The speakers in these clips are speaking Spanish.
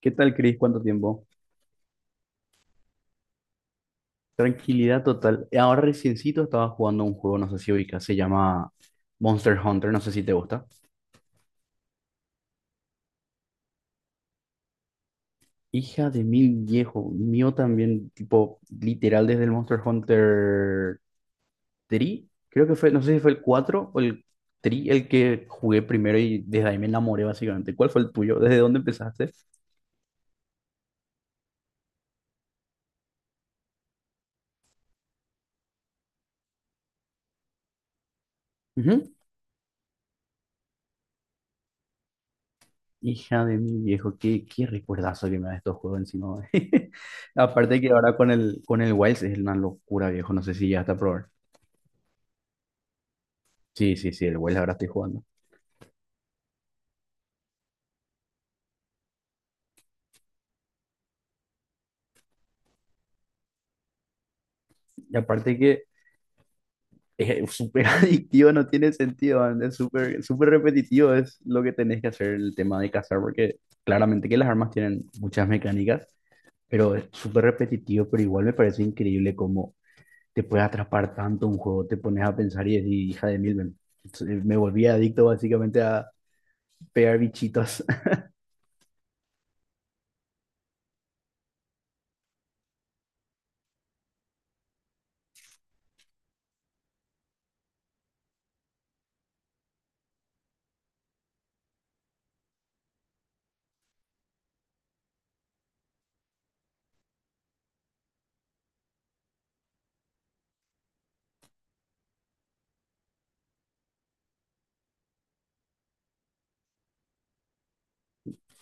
¿Qué tal, Cris? ¿Cuánto tiempo? Tranquilidad total. Ahora reciencito estaba jugando un juego, no sé si ubicas, se llama Monster Hunter, no sé si te gusta. Hija de mil viejo, mío también, tipo, literal desde el Monster Hunter 3, creo que fue, no sé si fue el 4 o el 3 el que jugué primero, y desde ahí me enamoré básicamente. ¿Cuál fue el tuyo? ¿Desde dónde empezaste? Hija de mi viejo, qué recuerdazo que me da estos juegos encima. Aparte que ahora con el Wilds es una locura, viejo. No sé si ya está a probar. Sí, sí, sí, el Wilds ahora estoy jugando. Y aparte que es súper adictivo, no tiene sentido, man, es súper, súper repetitivo, es lo que tenés que hacer el tema de cazar, porque claramente que las armas tienen muchas mecánicas, pero es súper repetitivo, pero igual me parece increíble cómo te puede atrapar tanto un juego, te pones a pensar y decir, hija de mil, man". Entonces, me volví adicto básicamente a pegar bichitos.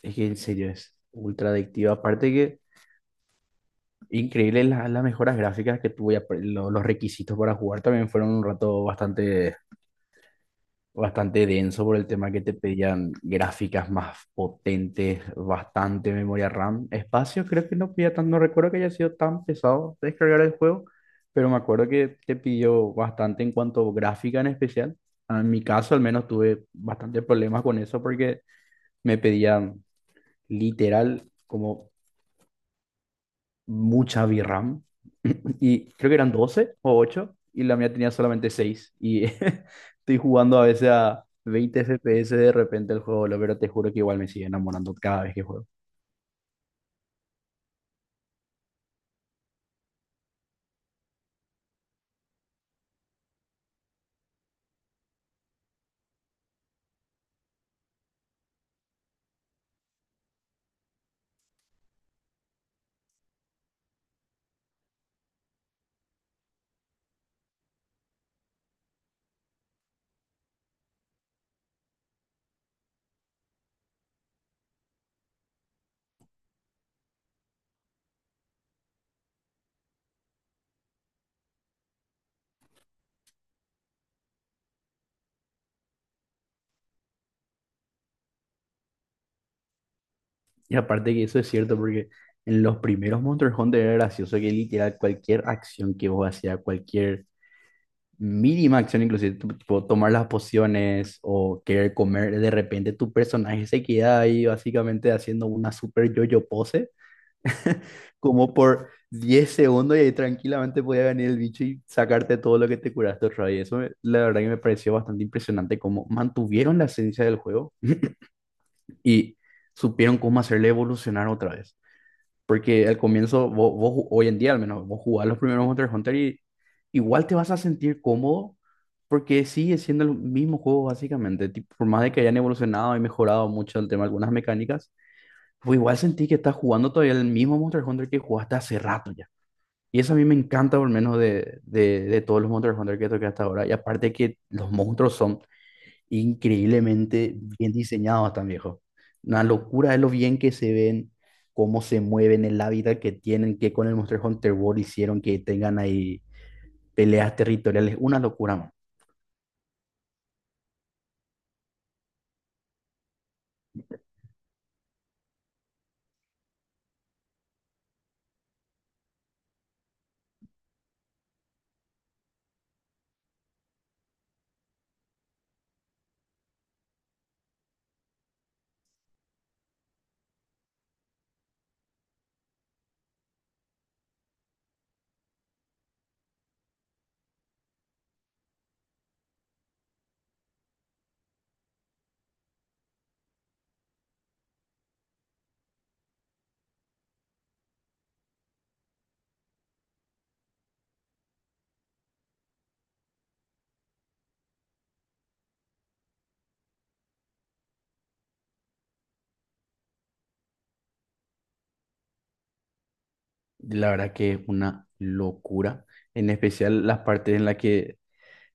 Es que en serio es ultra adictivo. Aparte que increíble las mejoras gráficas que tuve y los requisitos para jugar también fueron un rato bastante, bastante denso por el tema que te pedían gráficas más potentes, bastante memoria RAM. Espacio creo que no pedía tan, no recuerdo que haya sido tan pesado descargar el juego, pero me acuerdo que te pidió bastante en cuanto a gráfica en especial. En mi caso al menos tuve bastante problemas con eso porque me pedían literal como mucha VRAM. Y creo que eran 12 o 8 y la mía tenía solamente 6. Y estoy jugando a veces a 20 FPS de repente el juego, boludo, pero te juro que igual me sigue enamorando cada vez que juego. Y aparte que eso es cierto porque en los primeros Monster Hunter era gracioso que literal cualquier acción que vos hacías, cualquier mínima acción, inclusive tipo tomar las pociones o querer comer, de repente tu personaje se queda ahí básicamente haciendo una super yo-yo pose como por 10 segundos, y ahí tranquilamente podía venir el bicho y sacarte todo lo que te curaste otra vez. La verdad que me pareció bastante impresionante cómo mantuvieron la esencia del juego y supieron cómo hacerle evolucionar otra vez. Porque al comienzo, hoy en día al menos, vos jugás los primeros Monster Hunter y igual te vas a sentir cómodo porque sigue siendo el mismo juego básicamente. Tipo, por más de que hayan evolucionado y mejorado mucho el tema de algunas mecánicas, pues igual sentí que estás jugando todavía el mismo Monster Hunter que jugaste hace rato ya. Y eso a mí me encanta, por lo menos de todos los Monster Hunter que toqué hasta ahora. Y aparte que los monstruos son increíblemente bien diseñados, tan viejo. Una locura de lo bien que se ven, cómo se mueven, el hábitat que tienen, que con el Monster Hunter World hicieron que tengan ahí peleas territoriales. Una locura, man. La verdad que es una locura. En especial las partes en las que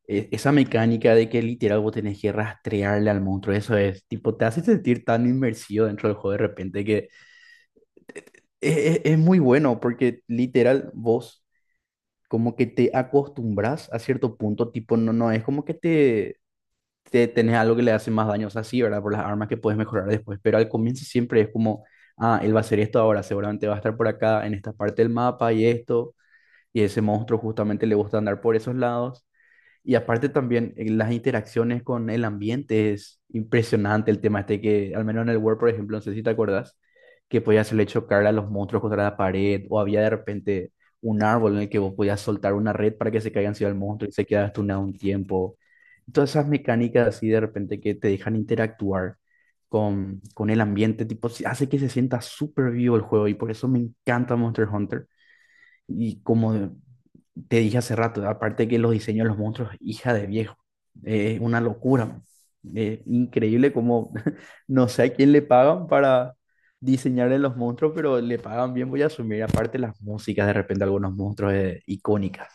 esa mecánica de que literal vos tenés que rastrearle al monstruo, eso es, tipo, te hace sentir tan inmersido dentro del juego de repente que... Es muy bueno porque literal vos, como que te acostumbras a cierto punto, tipo, no, no, es como que te tenés algo que le hace más daño, o sea, sí, ¿verdad? Por las armas que puedes mejorar después, pero al comienzo siempre es como, ah, él va a hacer esto ahora, seguramente va a estar por acá, en esta parte del mapa y esto, y ese monstruo justamente le gusta andar por esos lados. Y aparte también las interacciones con el ambiente es impresionante, el tema este que, al menos en el Word, por ejemplo, no sé si te acordás, que podías hacerle chocar a los monstruos contra la pared, o había de repente un árbol en el que vos podías soltar una red para que se caiga encima del monstruo y se quedaba estunado un tiempo. Todas esas mecánicas así de repente que te dejan interactuar con el ambiente, tipo, sí, hace que se sienta súper vivo el juego y por eso me encanta Monster Hunter. Y como te dije hace rato, aparte que los diseños de los monstruos, hija de viejo, es una locura, man. Increíble como, no sé a quién le pagan para diseñarle los monstruos, pero le pagan bien, voy a asumir. Aparte las músicas, de repente algunos monstruos icónicas.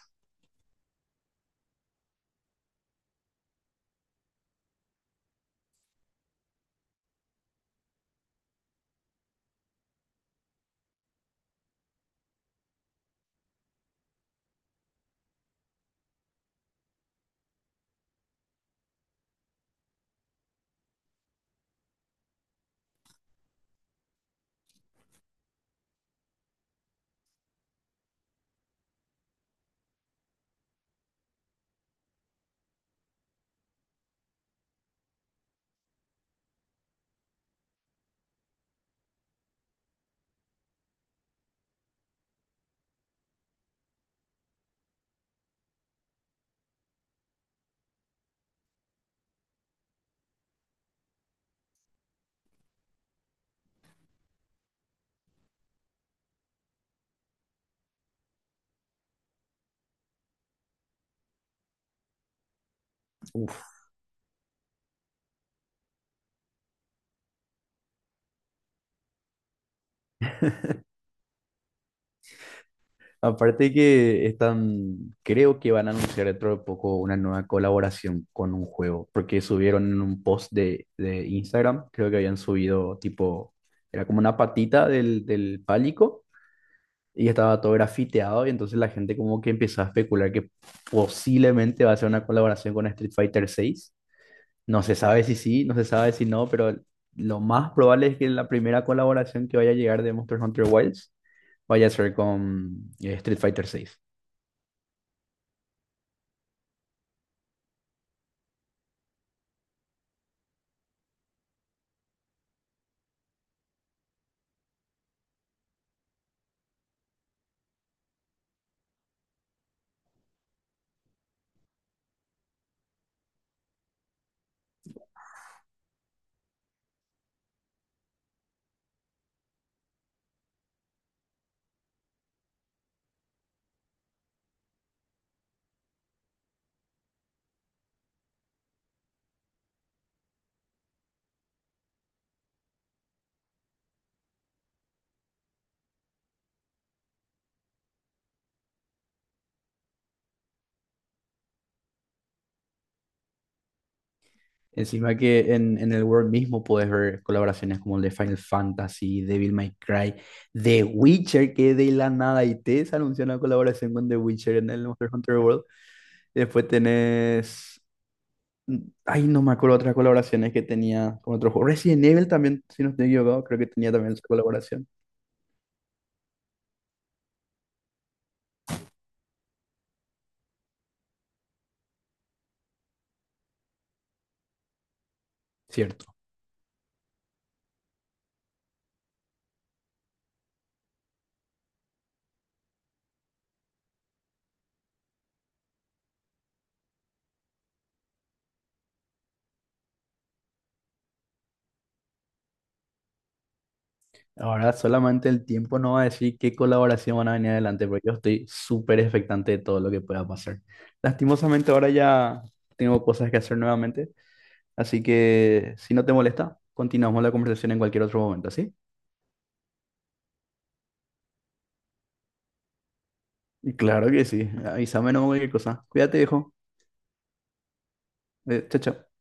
Uf. Aparte que están, creo que van a anunciar dentro de poco una nueva colaboración con un juego, porque subieron en un post de Instagram, creo que habían subido tipo, era como una patita del pálico, y estaba todo grafiteado y entonces la gente como que empezó a especular que posiblemente va a ser una colaboración con Street Fighter 6. No se sabe si sí, no se sabe si no, pero lo más probable es que la primera colaboración que vaya a llegar de Monster Hunter Wilds vaya a ser con Street Fighter 6. Encima que en el World mismo puedes ver colaboraciones como el de Final Fantasy, Devil May Cry, The Witcher, que de la nada y te se anunció una colaboración con The Witcher en el Monster Hunter World. Después tenés... Ay, no me acuerdo otras colaboraciones que tenía con otros juegos. Resident Evil también, si no estoy equivocado, creo que tenía también esa colaboración. Cierto. Ahora solamente el tiempo no va a decir qué colaboración van a venir adelante, porque yo estoy súper expectante de todo lo que pueda pasar. Lastimosamente ahora ya tengo cosas que hacer nuevamente, así que si no te molesta, continuamos la conversación en cualquier otro momento, ¿sí? Y claro que sí. Avísame no cualquier cosa. Cuídate, viejo. Chao, chao.